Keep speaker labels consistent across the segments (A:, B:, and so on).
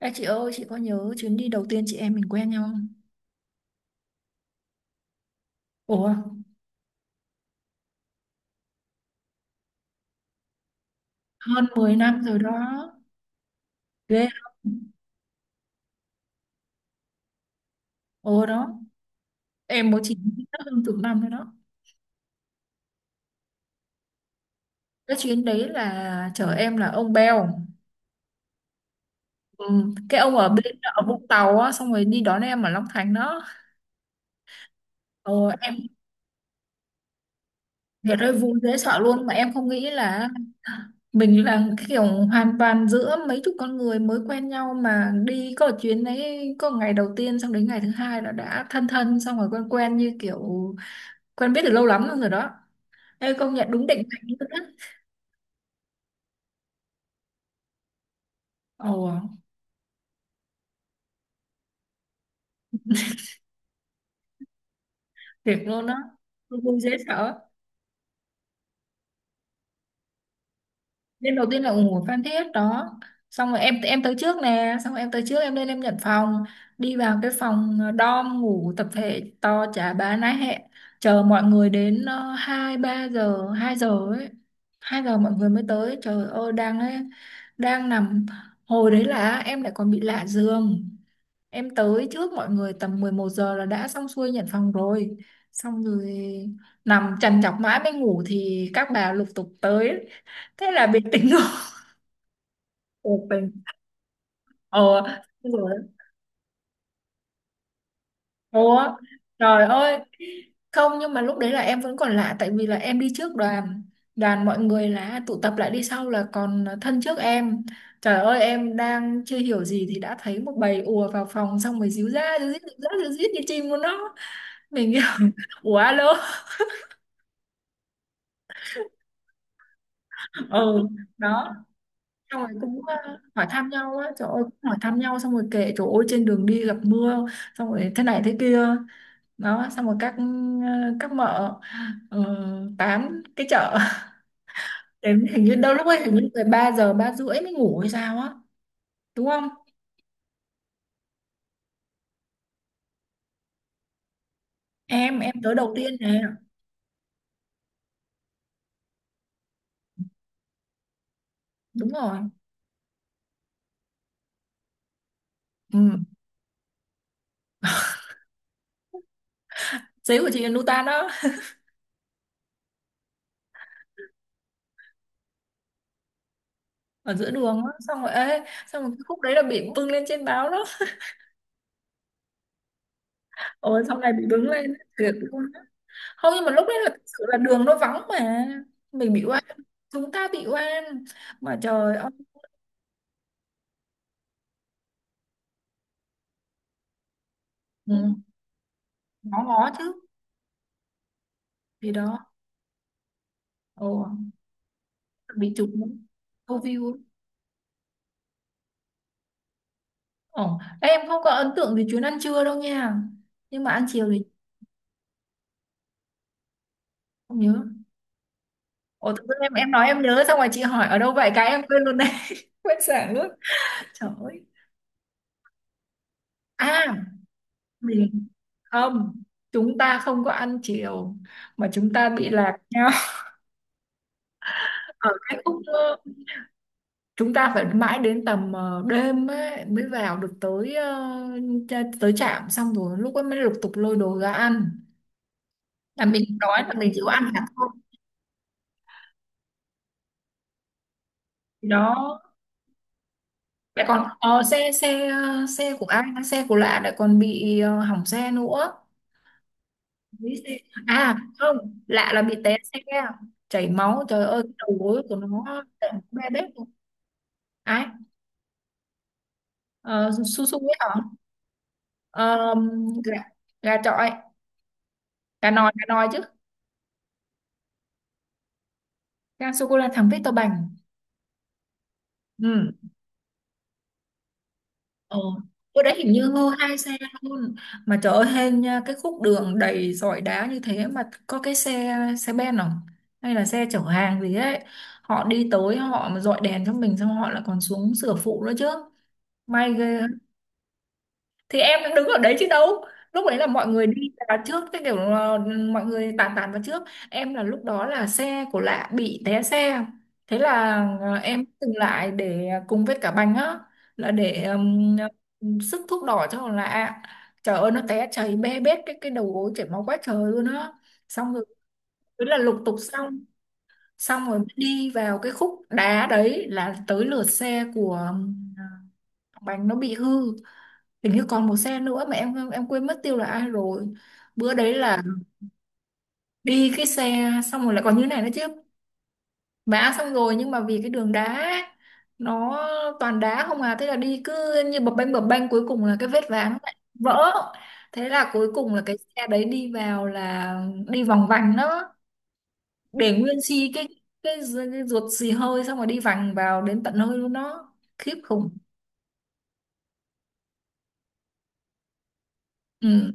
A: Ê chị ơi, chị có nhớ chuyến đi đầu tiên chị em mình quen nhau không? Ủa, hơn 10 năm rồi đó. Ghê không? Ồ đó, em mới chỉ nhớ hơn chục năm rồi đó. Cái chuyến đấy là chở em là ông Bèo. Ừ, cái ông ở Vũng Tàu á, xong rồi đi đón em ở Long Thành đó. Ồ, em. Trời ơi vui dễ sợ luôn mà em không nghĩ là mình là cái kiểu hoàn toàn giữa mấy chục con người mới quen nhau mà đi có chuyến đấy có ngày đầu tiên xong đến ngày thứ hai là đã thân thân xong rồi quen quen như kiểu quen biết từ lâu lắm rồi đó. Ê công nhận đúng định mệnh luôn á. Ồ, tuyệt luôn đó. Vui dễ sợ. Nên đầu tiên là ủng hộ Phan Thiết đó, xong rồi em tới trước nè, xong rồi em tới trước, em lên em nhận phòng, đi vào cái phòng dorm ngủ tập thể to chả bá nái hẹ, chờ mọi người đến 2, 3 giờ, 2 giờ ấy, 2 giờ mọi người mới tới. Trời ơi đang ấy, đang nằm, hồi đấy là em lại còn bị lạ giường. Em tới trước mọi người tầm 11 giờ là đã xong xuôi nhận phòng rồi, xong rồi nằm trằn trọc mãi mới ngủ thì các bà lục tục tới, thế là bị tỉnh. Ồ, mình. Ờ, xong rồi ủa trời ơi, không, nhưng mà lúc đấy là em vẫn còn lạ tại vì là em đi trước đoàn, đoàn mọi người là tụ tập lại đi sau là còn thân trước em. Trời ơi em đang chưa hiểu gì thì đã thấy một bầy ùa vào phòng xong rồi díu ra díu dít díu ra díu dít như chim của nó, mình kiểu ủa alo. Ừ, đó, xong rồi cũng hỏi thăm nhau á, trời ơi cũng hỏi thăm nhau xong rồi kể trời ơi trên đường đi gặp mưa xong rồi thế này thế kia. Đó xong rồi các các mợ ờ, tám cái chợ. Đến hình như đâu lúc ấy hình như 13 giờ 3 rưỡi mới ngủ hay sao á, đúng không? Em tới đầu tiên nè. Đúng rồi. Ừ. Giấy của chị là Nutan đó. Ở giữa đường á, xong rồi ê xong rồi cái khúc đấy là bị bưng lên trên báo đó. Ôi xong này bị bưng lên thiệt luôn á. Không nhưng mà lúc đấy là thực sự là đường nó vắng mà, mình bị oan, chúng ta bị oan, mà trời ơi. Ừ. Ngó ngó chứ gì đó. Ồ, bị chụp luôn, câu view. Ồ, em không có ấn tượng về chuyến ăn trưa đâu nha. Nhưng mà ăn chiều thì không nhớ. Ồ, tự dưng em nói em nhớ, xong rồi chị hỏi ở đâu vậy, cái em quên luôn đấy. Quên sảng luôn. Trời ơi. À, mình. Không. Chúng ta không có ăn chiều mà chúng ta bị lạc nhau. Ở cái khúc chúng ta phải mãi đến tầm đêm ấy, mới vào được tới tới trạm, xong rồi lúc ấy mới lục tục lôi đồ ra ăn. Là mình đói là mình chỉ có ăn hạt thôi. Thì đó, lại còn ờ, xe xe ờ, xe của ai xe của lạ lại còn bị hỏng xe nữa. Lấy xe- À không, lạ là bị té xe, chảy máu trời ơi cái đầu gối của nó be bét luôn. Ai? Ờ, su su ấy hả? Ờ, gà, gà chọi, gà nòi, gà nòi chứ, gà sô cô la thắng Victor Bành. Ừ. Ờ, bữa đấy hình như ngơ hai xe luôn. Mà trời ơi hên nha, cái khúc đường đầy sỏi đá như thế mà có cái xe xe ben không hay là xe chở hàng gì ấy, họ đi tới họ mà dọi đèn cho mình xong họ lại còn xuống sửa phụ nữa chứ, may ghê. Thì em đang đứng ở đấy chứ đâu, lúc đấy là mọi người đi vào trước, cái kiểu là mọi người tàn tàn vào trước. Em là lúc đó là xe của lạ bị té xe, thế là em dừng lại để cùng với cả bành á, là để sức thuốc đỏ cho con lạ. Trời ơi nó té chảy bê bết cái đầu gối, chảy máu quá trời luôn á. Xong rồi thế là lục tục xong, xong rồi đi vào cái khúc đá đấy là tới lượt xe của thằng Bành nó bị hư. Hình như còn một xe nữa mà em quên mất tiêu là ai rồi. Bữa đấy là đi cái xe xong rồi lại còn như này nữa chứ, mã xong rồi, nhưng mà vì cái đường đá nó toàn đá không à, thế là đi cứ như bập bênh bập bênh, cuối cùng là cái vết ván nó lại vỡ. Thế là cuối cùng là cái xe đấy đi vào là đi vòng vành đó, để nguyên si cái ruột xì hơi, xong rồi đi vành vào đến tận hơi luôn đó, khiếp khủng. Ừ.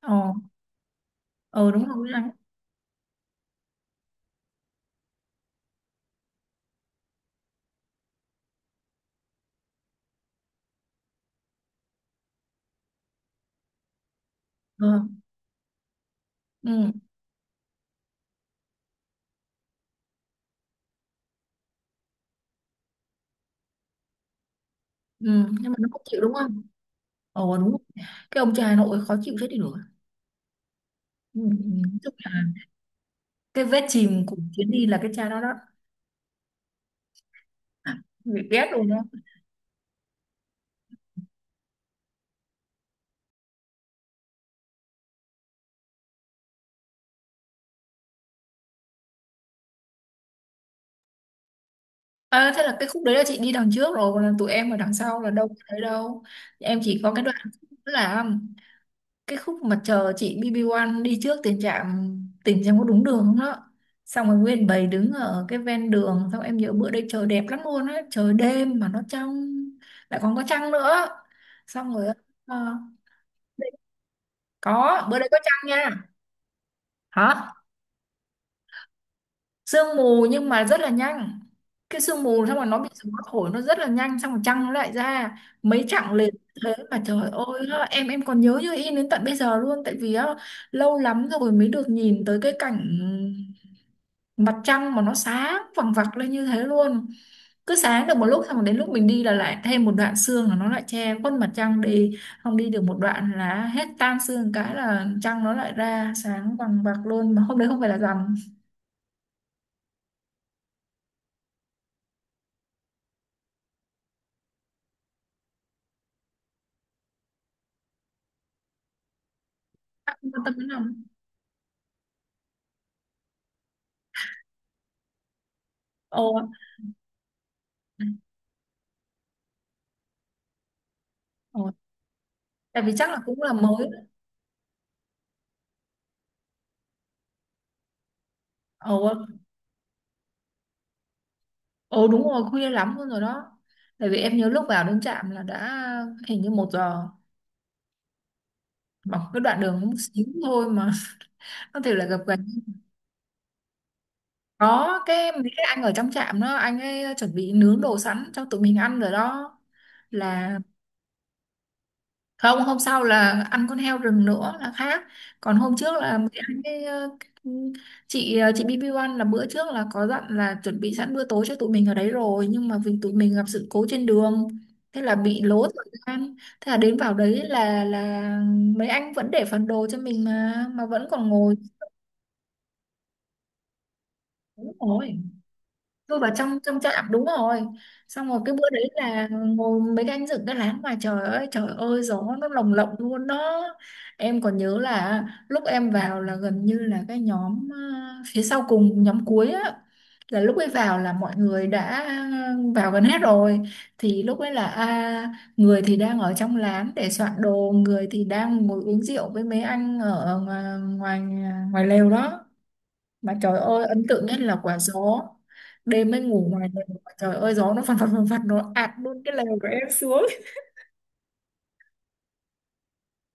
A: Ờ. Ờ đúng rồi, đúng rồi. Ờ. Ừ. Ừ. Nhưng mà nó không chịu đúng không? Ờ đúng rồi. Cái ông cha Nội khó chịu chết đi được. Ừ, tức là cái vết chìm của chuyến đi là cái cha đó đó. À, bị ghét luôn đó. À, thế là cái khúc đấy là chị đi đằng trước rồi, còn là tụi em ở đằng sau là đâu có thấy đâu. Em chỉ có cái đoạn là cái khúc mà chờ chị BB1 đi trước tiền trạm, tỉnh xem có đúng đường không đó. Xong rồi nguyên bầy đứng ở cái ven đường, xong em nhớ bữa đấy trời đẹp lắm luôn á, trời đêm mà nó trong, lại còn có trăng nữa. Xong rồi ờ, có bữa đấy có trăng nha. Hả? Sương mù nhưng mà rất là nhanh, cái sương mù xong rồi nó bị gió thổi nó rất là nhanh xong rồi trăng nó lại ra mấy chặng liền. Thế mà trời ơi nó- em còn nhớ như in đến tận bây giờ luôn, tại vì á, lâu lắm rồi mới được nhìn tới cái cảnh mặt trăng mà nó sáng vằng vặc lên như thế luôn, cứ sáng được một lúc xong rồi đến lúc mình đi là lại thêm một đoạn sương là nó lại che khuất mặt trăng đi, không đi được một đoạn là hết tan sương, cái là trăng nó lại ra sáng vằng vặc luôn, mà hôm đấy không phải là rằm. Bạn quan tâm đến rằm. Ồ. Ồ, tại vì chắc là cũng là mới. Ồ. Ồ đúng rồi, khuya lắm luôn rồi đó. Tại vì em nhớ lúc vào đến trạm là đã hình như 1 giờ. Bằng cái đoạn đường một xíu thôi mà. Có thể là gặp gần. Có cái mấy cái anh ở trong trạm đó, anh ấy chuẩn bị nướng đồ sẵn cho tụi mình ăn rồi đó, là không, hôm sau là ăn con heo rừng nữa là khác, còn hôm trước là mới ăn cái, cái chị BB1 là bữa trước là có dặn là chuẩn bị sẵn bữa tối cho tụi mình ở đấy rồi, nhưng mà vì tụi mình gặp sự cố trên đường thế là bị lố thời gian, thế là đến vào đấy là mấy anh vẫn để phần đồ cho mình mà vẫn còn ngồi. Đúng rồi, tôi vào trong trong chợ ẩm, đúng rồi, xong rồi cái bữa đấy là ngồi mấy cái anh dựng cái lán ngoài trời, ơi trời ơi gió nó lồng lộng luôn đó. Em còn nhớ là lúc em vào là gần như là cái nhóm phía sau cùng, nhóm cuối á, là lúc ấy vào là mọi người đã vào gần hết rồi, thì lúc ấy là người thì đang ở trong lán để soạn đồ, người thì đang ngồi uống rượu với mấy anh ở ngoài, ngoài lều đó. Mà trời ơi ấn tượng nhất là quả gió. Đêm mới ngủ ngoài lều mà trời ơi gió nó phật phật phật phật, nó ạt luôn cái lều của em xuống.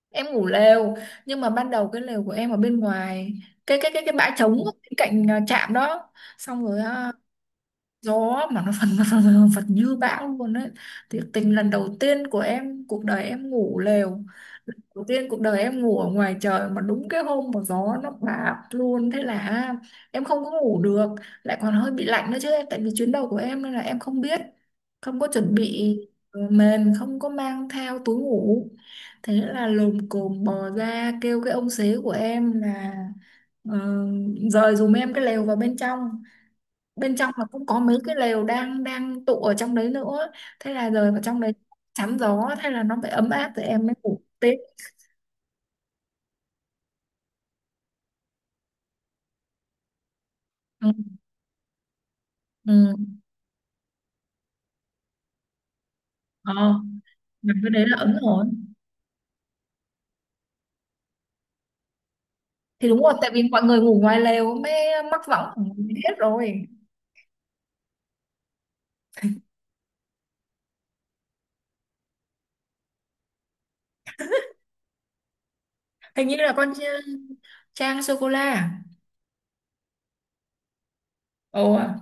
A: Em ngủ lều, nhưng mà ban đầu cái lều của em ở bên ngoài, cái bãi trống bên cạnh trạm đó. Xong rồi gió mà nó phần phần phật phật như bão luôn đấy, thiệt tình lần đầu tiên của em cuộc đời em ngủ lều, lần đầu tiên cuộc đời em ngủ ở ngoài trời mà đúng cái hôm mà gió nó bạt luôn, thế là em không có ngủ được, lại còn hơi bị lạnh nữa chứ em, tại vì chuyến đầu của em nên là em không biết, không có chuẩn bị mền, không có mang theo túi ngủ. Thế là lồm cồm bò ra kêu cái ông xế của em là ờ, dời giùm em cái lều vào bên trong, bên trong là cũng có mấy cái lều đang đang tụ ở trong đấy nữa, thế là rời vào trong đấy chắn gió, thế là nó phải ấm áp rồi em mới ngủ tiếp. Ừ. Ừ. Ờ, mà cái đấy là ấm rồi. Thì đúng rồi, tại vì mọi người ngủ ngoài lều mới mắc võng ở ngoài hết rồi. Hình như là con Ch-, Trang sô cô la à? Ồ à.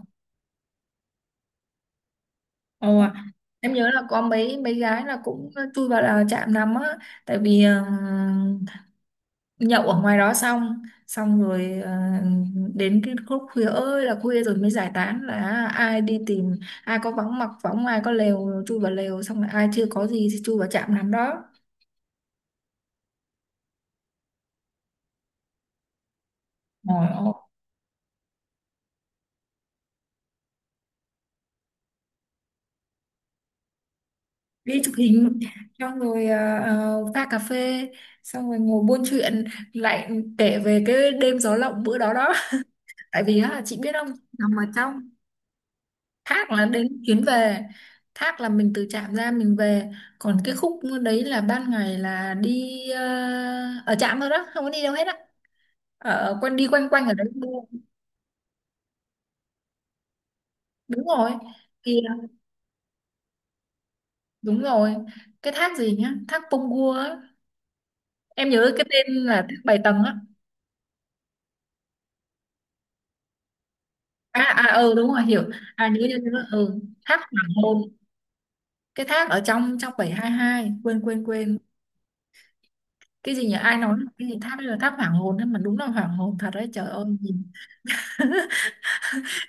A: Ồ à. Em nhớ là có mấy mấy gái là cũng chui vào là chạm nằm á, tại vì nhậu ở ngoài đó xong, xong rồi đến cái khúc khuya ơi là khuya rồi mới giải tán, là ai đi tìm ai có vắng mặc võng, ai có lều chui vào lều, xong rồi ai chưa có gì thì chui vào trạm nằm đó. Ngồi ô, đi chụp hình xong rồi pha cà phê xong rồi ngồi buôn chuyện lại, kể về cái đêm gió lộng bữa đó đó. Tại vì á, chị biết không, nằm ở trong. Thác là đến chuyến về, thác là mình từ trạm ra mình về, còn cái khúc đấy là ban ngày là đi ở trạm thôi đó, không có đi đâu hết á, ở quanh đi quanh quanh ở đấy mua. Đúng rồi. Thì đúng rồi. Cái thác gì nhá, thác Pông á, em nhớ cái tên là thác Bảy Tầng á. À à ừ đúng rồi hiểu. À nhớ nhớ nhớ. Ừ, thác Hoàng Hôn. Cái thác ở trong trong 722 quên quên quên, cái gì nhỉ, ai nói cái gì, thác đấy là thác Hoàng Hôn ấy, mà đúng là Hoàng Hôn thật đấy, trời ơi nhìn,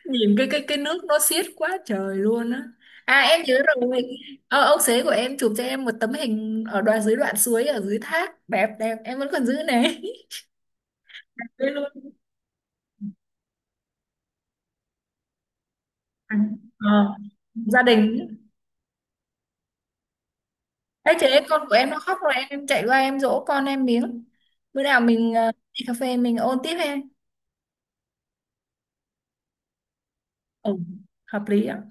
A: nhìn cái nước nó xiết quá trời luôn á. À em nhớ rồi, ông xế của em chụp cho em một tấm hình ở đoạn dưới, đoạn suối ở dưới thác đẹp đẹp em vẫn còn giữ này. Đấy luôn. À, ờ, gia đình. Ấy thế con của em nó khóc rồi, em chạy qua em dỗ con em miếng. Bữa nào mình đi cà phê mình ôn tiếp em. Ừ, hợp lý ạ.